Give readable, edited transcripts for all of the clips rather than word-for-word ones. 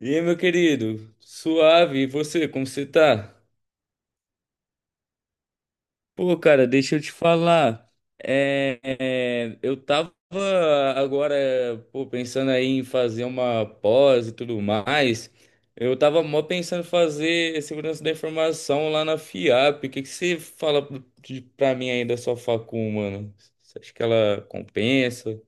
E aí, meu querido? Suave, e você, como você tá? Pô, cara, deixa eu te falar. Eu tava agora, pô, pensando aí em fazer uma pós e tudo mais. Eu tava mó pensando em fazer segurança da informação lá na FIAP. O que que você fala pra mim aí da sua facul, mano? Você acha que ela compensa?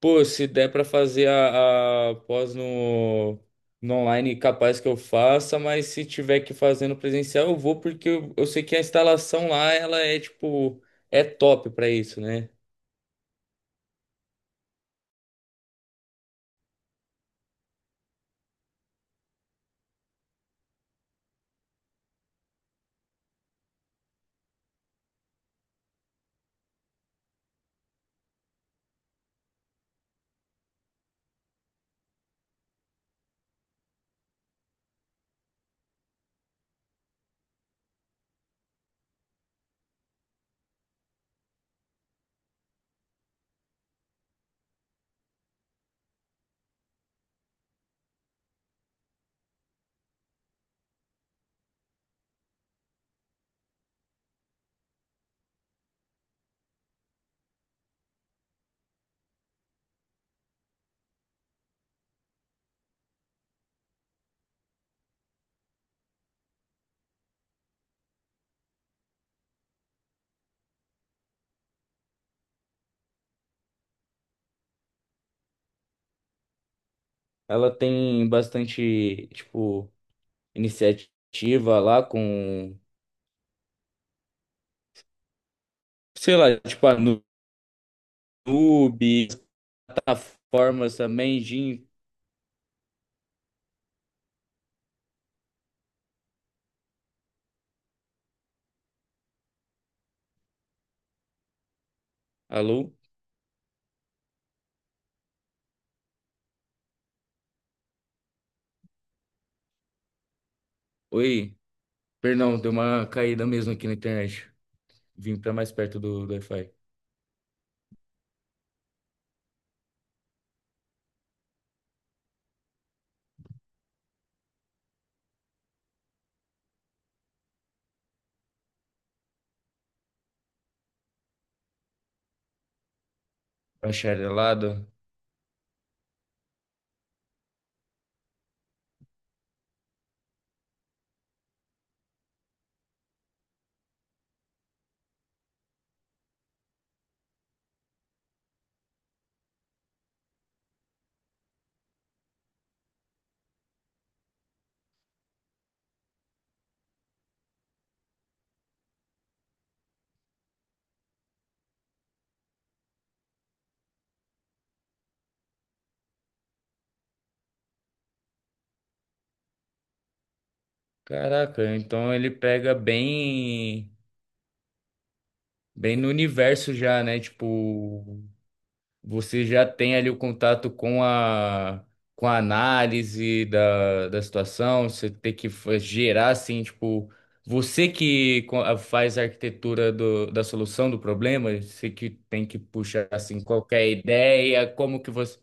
Pô, se der pra fazer a pós no online, capaz que eu faça, mas se tiver que fazer no presencial, eu vou porque eu sei que a instalação lá, ela é tipo, é top pra isso, né? Ela tem bastante, tipo, iniciativa lá com, sei lá, tipo a Nube, plataformas também, Jim. Alô? Oi, perdão, deu uma caída mesmo aqui na internet. Vim pra mais perto do, do Wi-Fi. Bacharelado. Caraca, então ele pega bem, bem no universo já, né? Tipo, você já tem ali o contato com a análise da, da situação, você tem que gerar assim, tipo, você que faz a arquitetura do, da solução do problema, você que tem que puxar assim qualquer ideia, como que você.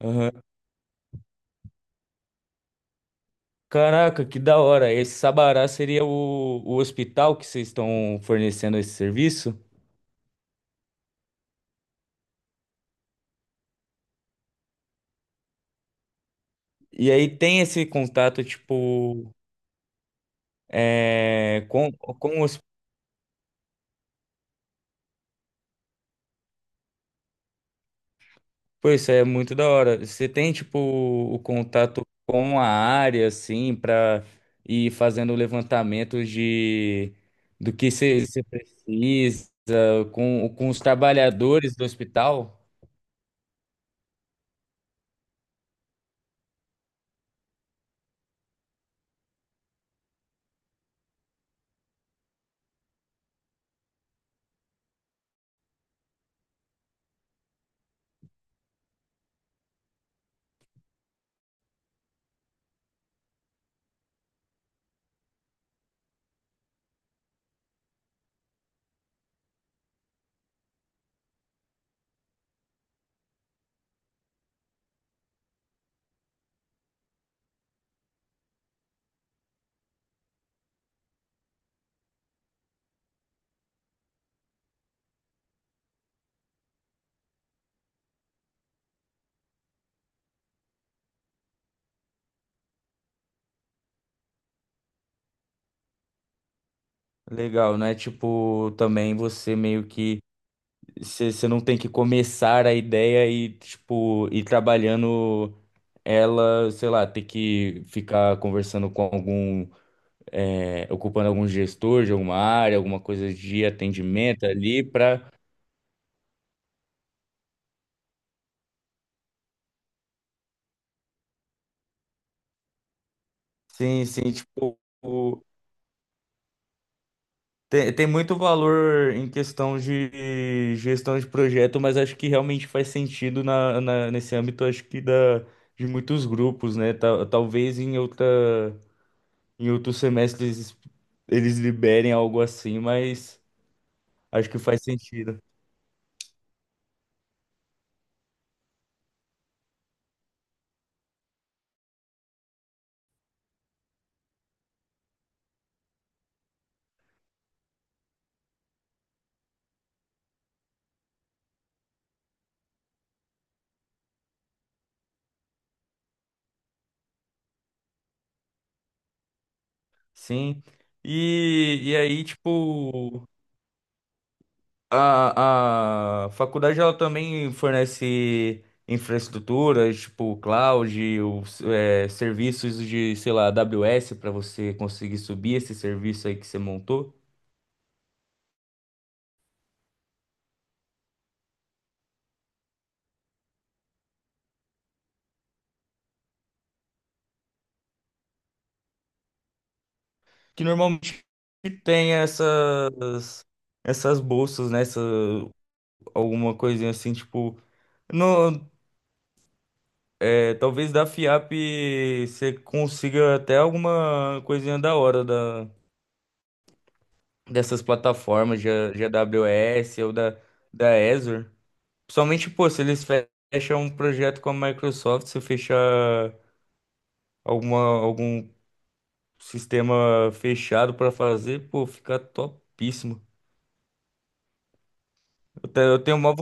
Aham. Caraca, que da hora. Esse Sabará seria o hospital que vocês estão fornecendo esse serviço? E aí tem esse contato, tipo, é, com os. Pô, isso é muito da hora. Você tem, tipo, o contato com a área, assim, pra ir fazendo levantamentos de do que você precisa, com os trabalhadores do hospital? Legal, né? Tipo, também você meio que. Você não tem que começar a ideia e, tipo, ir trabalhando ela, sei lá, ter que ficar conversando com algum, é, ocupando algum gestor de alguma área, alguma coisa de atendimento ali pra. Sim, sim, tipo, tem, tem muito valor em questão de gestão de projeto, mas acho que realmente faz sentido na, nesse âmbito, acho que da, de muitos grupos, né? Talvez em outra. Em outro semestre eles, eles liberem algo assim, mas acho que faz sentido. Sim. E aí, tipo, a faculdade ela também fornece infraestruturas, tipo, cloud, os, é, serviços de, sei lá, AWS para você conseguir subir esse serviço aí que você montou, que normalmente tem essas, essas bolsas, né? Essa, alguma coisinha assim, tipo. No, é, talvez da FIAP você consiga até alguma coisinha da hora da, dessas plataformas, de AWS ou da, da Azure. Principalmente, pô, se eles fecham um projeto com a Microsoft, se fechar alguma, algum sistema fechado para fazer, pô, fica topíssimo. Eu tenho uma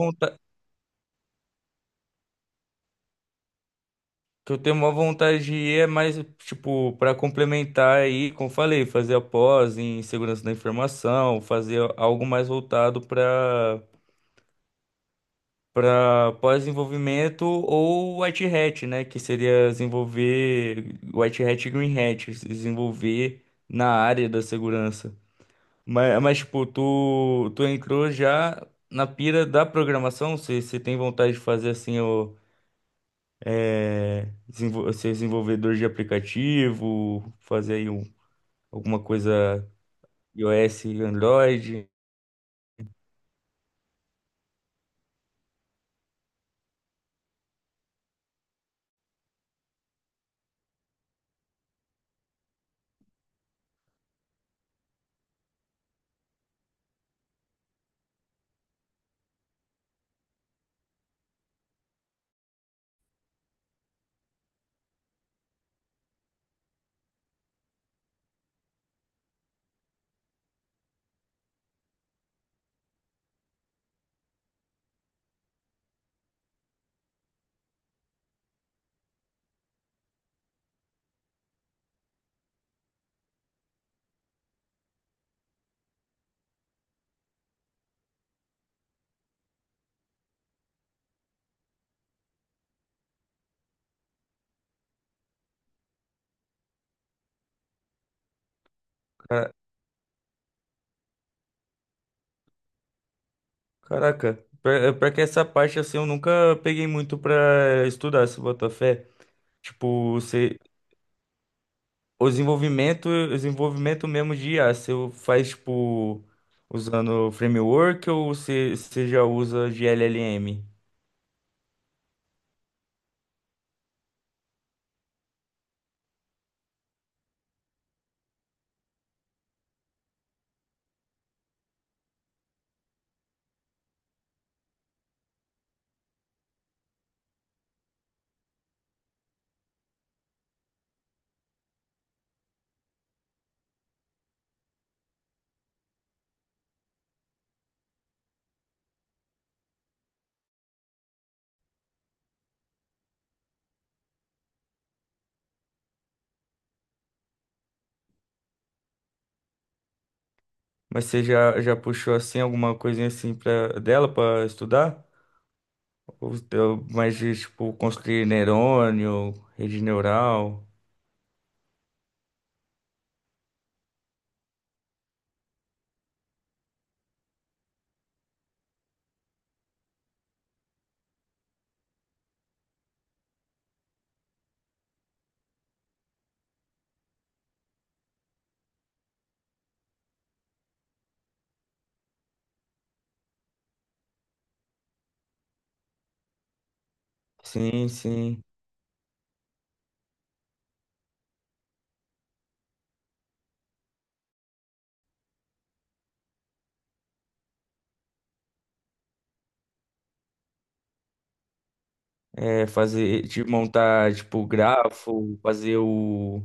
que eu tenho uma vontade de ir é mais, tipo, para complementar aí, como eu falei, fazer a pós em segurança da informação, fazer algo mais voltado para para pós-desenvolvimento ou White Hat, né, que seria desenvolver White Hat e Green Hat, se desenvolver na área da segurança. Mas tipo, tu entrou já na pira da programação, você tem vontade de fazer assim o é, ser desenvolvedor de aplicativo, fazer aí um, alguma coisa iOS, Android. Cara- Caraca, pra que essa parte assim eu nunca peguei muito pra estudar, se botar fé. Tipo, você, o desenvolvimento mesmo de IA, você faz tipo usando framework ou você, já usa de L L M. Mas você já, já puxou assim alguma coisinha assim pra, dela pra estudar? Mas, de, tipo, construir neurônio, rede neural. Sim, sim. É, fazer, de montar, tipo, grafo, fazer o...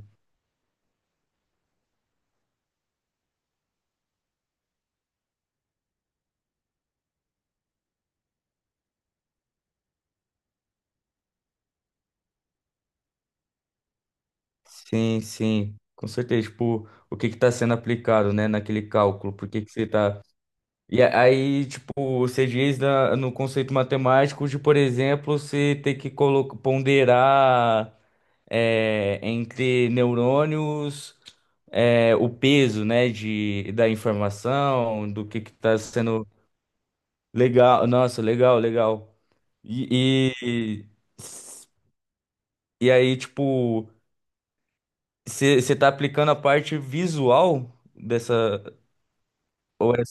Sim, sim. Com certeza, tipo, o que que tá sendo aplicado, né, naquele cálculo. Por que que você tá... E aí, tipo, você diz no conceito matemático de, por exemplo, você ter que ponderar é, entre neurônios, é, o peso, né, de, da informação, do que está sendo legal. Nossa, legal, legal. E, e, e aí, tipo, você está aplicando a parte visual dessa, ou é,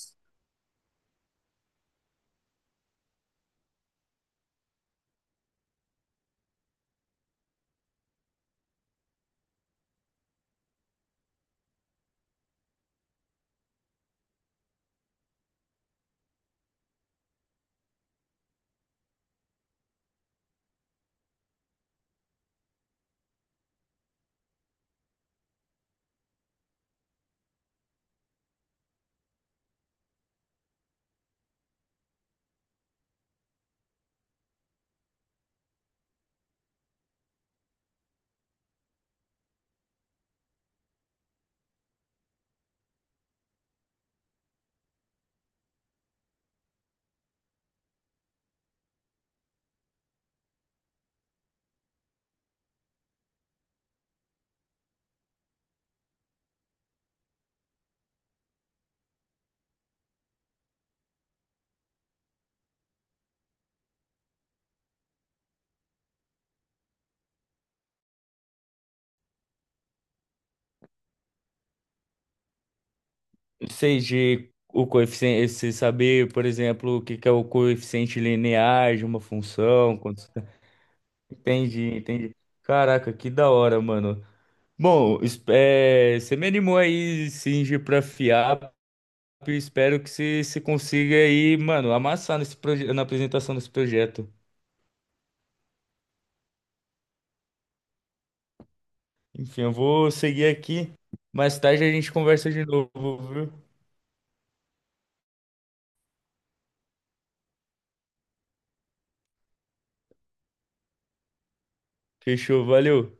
seja, o coeficiente, você saber, por exemplo, o que que é o coeficiente linear de uma função, quantos... Entendi, entendi. Caraca, que da hora, mano. Bom, é, você me animou aí, Singe, pra FIAP. Espero que você consiga aí, mano, amassar nesse na apresentação desse projeto. Enfim, eu vou seguir aqui. Mais tarde a gente conversa de novo, viu? Fechou, valeu.